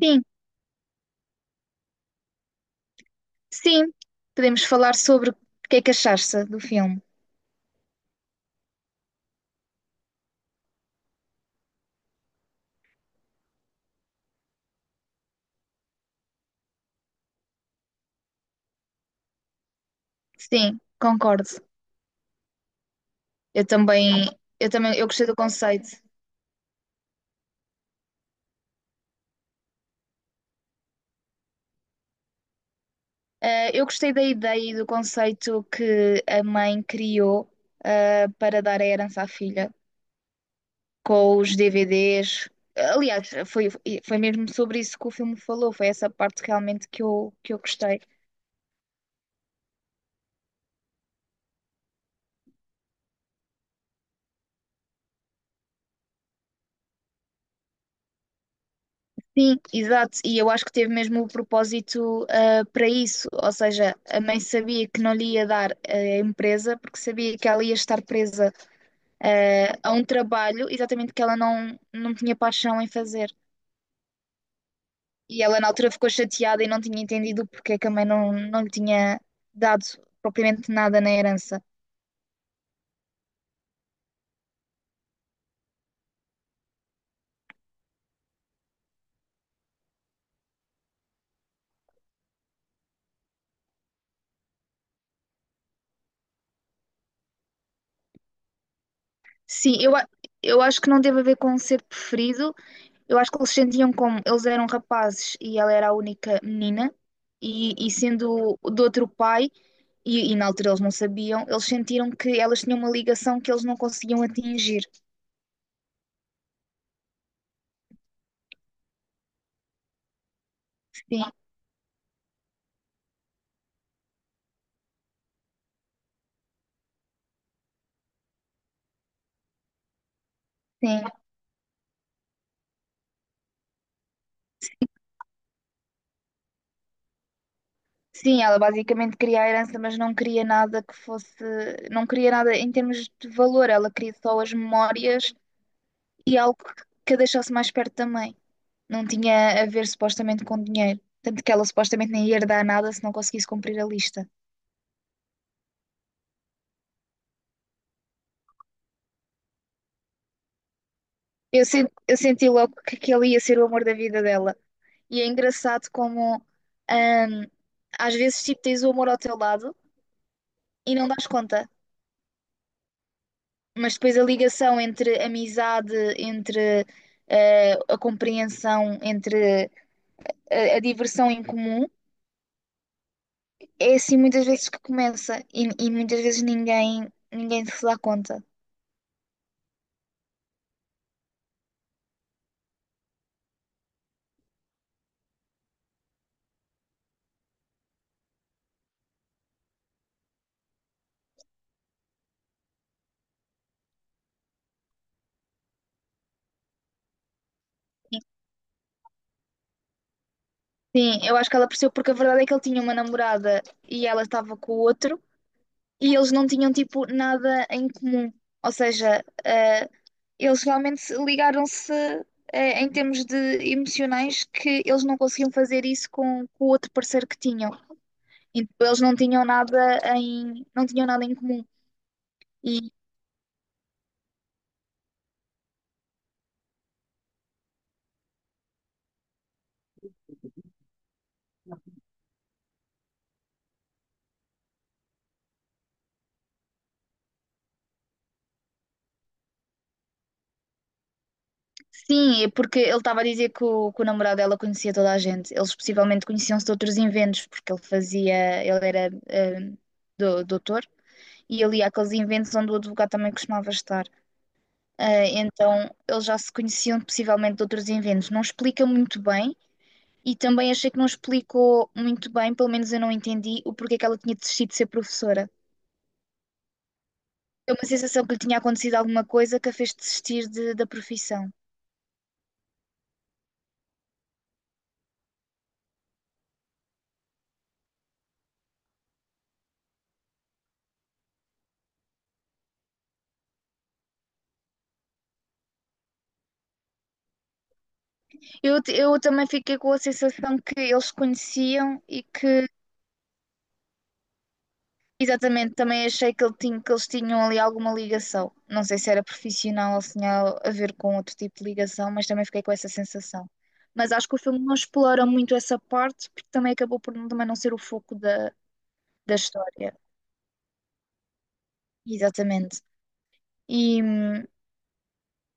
Sim, sim. Podemos falar sobre o que é que achaste do filme. Sim, concordo. Eu também, eu também, eu gostei do conceito. Eu gostei da ideia e do conceito que a mãe criou, para dar a herança à filha, com os DVDs. Aliás, foi mesmo sobre isso que o filme falou. Foi essa parte realmente que eu gostei. Sim, exato, e eu acho que teve mesmo o propósito para isso, ou seja, a mãe sabia que não lhe ia dar a empresa porque sabia que ela ia estar presa a um trabalho exatamente que ela não tinha paixão em fazer. E ela na altura ficou chateada e não tinha entendido porque é que a mãe não lhe tinha dado propriamente nada na herança. Sim, eu acho que não teve a ver com um ser preferido. Eu acho que eles sentiam como eles eram rapazes e ela era a única menina, e sendo do outro pai, e na altura eles não sabiam, eles sentiram que elas tinham uma ligação que eles não conseguiam atingir. Sim, sim. Sim, ela basicamente queria a herança, mas não queria nada em termos de valor, ela queria só as memórias e algo que a deixasse mais perto também. Não tinha a ver supostamente com dinheiro, tanto que ela supostamente nem ia herdar nada se não conseguisse cumprir a lista. Eu senti, logo que aquele ia ser o amor da vida dela. E é engraçado como hum, às vezes tipo, tens o amor ao teu lado e não dás conta. Mas depois a ligação entre amizade, entre a compreensão, entre a diversão em comum, é assim muitas vezes que começa e muitas vezes ninguém se dá conta. Sim, eu acho que ela percebeu porque a verdade é que ele tinha uma namorada e ela estava com o outro. E eles não tinham tipo nada em comum. Ou seja, eles realmente ligaram-se em termos de emocionais que eles não conseguiam fazer isso com o outro parceiro que tinham. Então eles não tinham nada em comum. E sim, é porque ele estava a dizer que o namorado dela conhecia toda a gente. Eles possivelmente conheciam-se de outros inventos, porque ele era doutor e ele ia àqueles inventos onde o advogado também costumava estar. Ah, então eles já se conheciam possivelmente de outros inventos. Não explica muito bem e também achei que não explicou muito bem, pelo menos eu não entendi o porquê que ela tinha desistido de ser professora. É uma sensação que lhe tinha acontecido alguma coisa que a fez desistir da profissão. Eu também fiquei com a sensação que eles se conheciam e que Exatamente, também achei que eles tinham ali alguma ligação. Não sei se era profissional ou se tinha a ver com outro tipo de ligação, mas também fiquei com essa sensação. Mas acho que o filme não explora muito essa parte, porque também acabou por também não ser o foco da história. Exatamente. E, hum,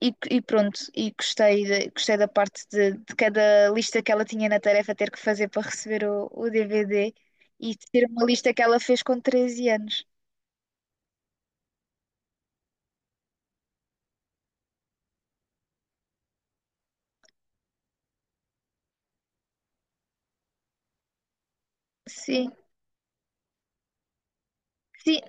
e, e, pronto, e gostei da parte de cada lista que ela tinha na tarefa ter que fazer para receber o DVD e de ter uma lista que ela fez com 13 anos. Sim. Sim,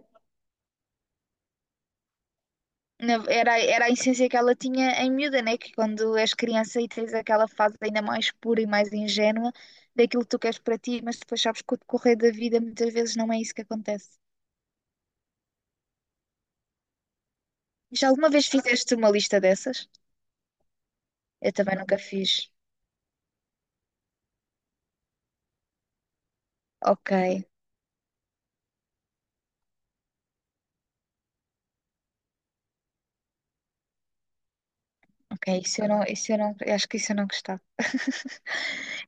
Era, a essência que ela tinha em miúda, né? Que quando és criança e tens aquela fase ainda mais pura e mais ingênua daquilo que tu queres para ti, mas depois sabes que o decorrer da vida muitas vezes não é isso que acontece. Já alguma vez fizeste uma lista dessas? Eu também nunca fiz. Ok, ok, isso eu não, eu acho que isso eu não gostava.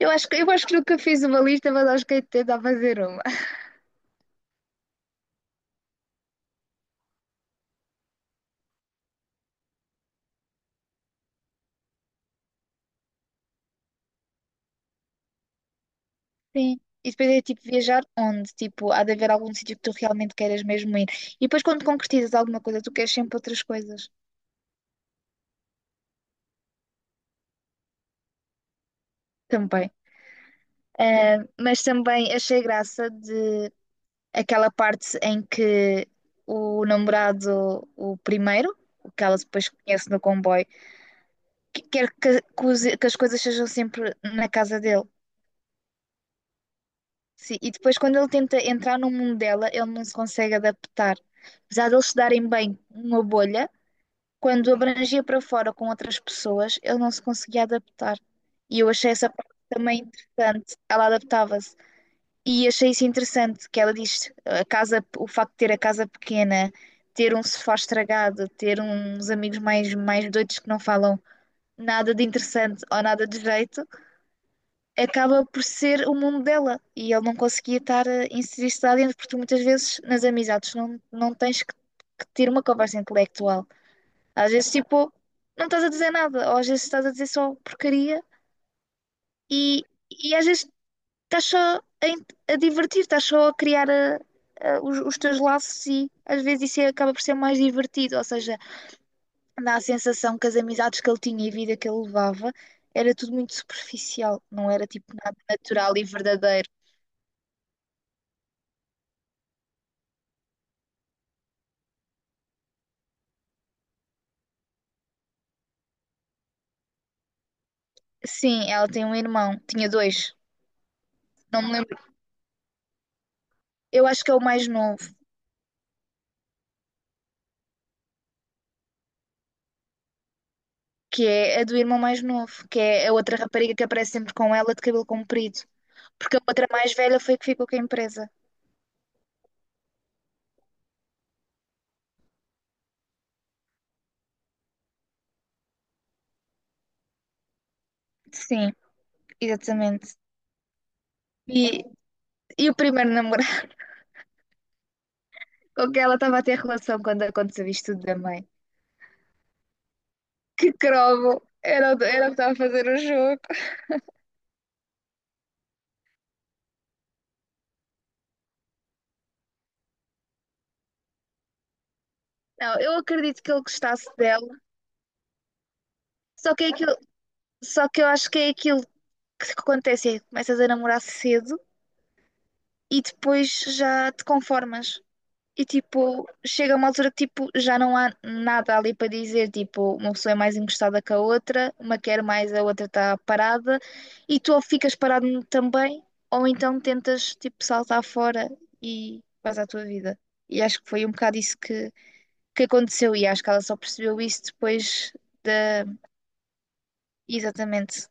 Eu acho que nunca fiz uma lista, mas acho que hei de tentar fazer uma. Sim. E depois é tipo viajar onde? Tipo, há de haver algum sítio que tu realmente queiras mesmo ir. E depois quando concretizas alguma coisa, tu queres sempre outras coisas também. Ah, mas também achei graça de aquela parte em que o namorado, o primeiro, o que ela depois conhece no comboio, quer que as coisas sejam sempre na casa dele. Sim. E depois quando ele tenta entrar no mundo dela, ele não se consegue adaptar. Apesar de eles se darem bem numa bolha. Quando abrangia para fora com outras pessoas, ele não se conseguia adaptar. E eu achei essa parte também interessante. Ela adaptava-se. E achei isso interessante, que ela diz, a casa, o facto de ter a casa pequena, ter um sofá estragado, ter uns amigos mais doidos que não falam nada de interessante ou nada de jeito, acaba por ser o mundo dela. E ele não conseguia estar a inserir-se lá dentro, porque tu muitas vezes nas amizades não tens que ter uma conversa intelectual às vezes, tipo, não estás a dizer nada, ou às vezes estás a dizer só porcaria e, e às vezes estás só a divertir, estás só a criar os teus laços e às vezes isso é, acaba por ser mais divertido, ou seja, dá a sensação que as amizades que ele tinha e a vida que ele levava era tudo muito superficial, não era tipo nada natural e verdadeiro. Sim, ela tem um irmão, tinha dois, não me lembro. Eu acho que é o mais novo, que é a do irmão mais novo, que é a outra rapariga que aparece sempre com ela de cabelo comprido. Porque a outra mais velha foi que ficou com a empresa. Sim, exatamente. E, e o primeiro namorado com que ela estava a ter relação quando aconteceu isto tudo da mãe. Que crovo! Era o que estava a fazer o jogo. Não, eu acredito que ele gostasse dela, só que, é aquilo, só que eu acho que é aquilo que acontece: é que começas a namorar cedo e depois já te conformas. E tipo, chega uma altura que tipo, já não há nada ali para dizer. Tipo, uma pessoa é mais encostada que a outra, uma quer mais, a outra está parada, e tu ou ficas parado também, ou então tentas tipo saltar fora e vais à tua vida. E acho que foi um bocado isso que aconteceu, e acho que ela só percebeu isso depois da. Exatamente.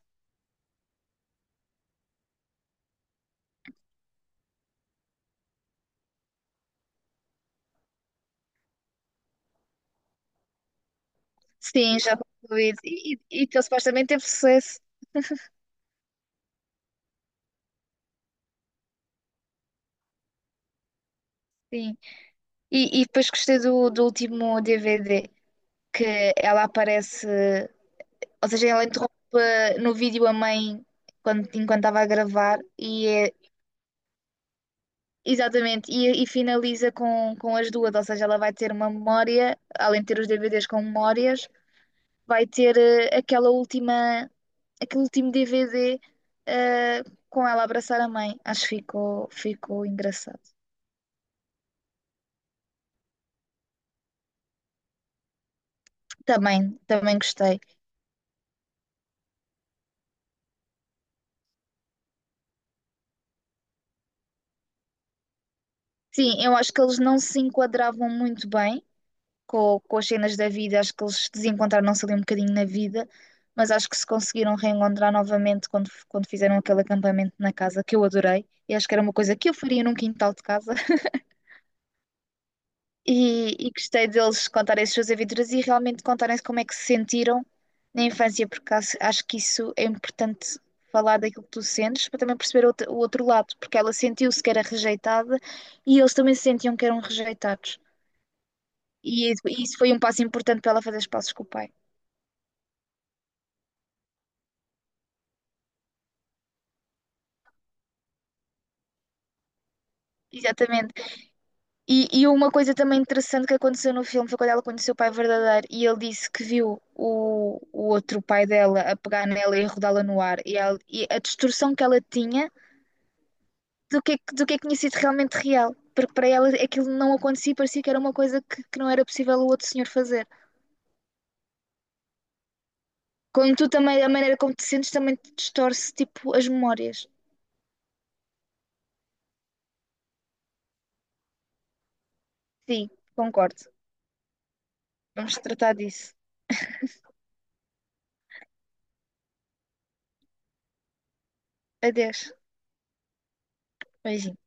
Sim, já concluído. E, que ele supostamente teve sucesso. Sim. E depois gostei do último DVD que ela aparece. Ou seja, ela interrompe no vídeo a mãe enquanto estava a gravar exatamente, e finaliza com as duas, ou seja, ela vai ter uma memória, além de ter os DVDs com memórias, vai ter aquela última, aquele último DVD eh, com ela a abraçar a mãe. Acho que ficou engraçado. Também, gostei. Sim, eu acho que eles não se enquadravam muito bem com as cenas da vida, acho que eles desencontraram-se ali um bocadinho na vida, mas acho que se conseguiram reencontrar novamente quando fizeram aquele acampamento na casa, que eu adorei, e acho que era uma coisa que eu faria num quintal de casa, e gostei deles contarem as suas aventuras e realmente contarem como é que se sentiram na infância, porque acho que isso é importante. Falar daquilo que tu sentes para também perceber o outro lado, porque ela sentiu-se que era rejeitada e eles também se sentiam que eram rejeitados. E, isso foi um passo importante para ela fazer os passos com o pai. Exatamente. E uma coisa também interessante que aconteceu no filme foi quando ela conheceu o pai verdadeiro e ele disse que viu o outro pai dela a pegar nela e a rodá-la no ar e a distorção que ela tinha do que é que tinha sido realmente real. Porque para ela aquilo não acontecia e parecia que era uma coisa que não era possível o outro senhor fazer. Quando tu também, a maneira como te sentes também te distorce, tipo, as memórias. Sim, concordo. Vamos tratar disso. Adeus. Beijinhos.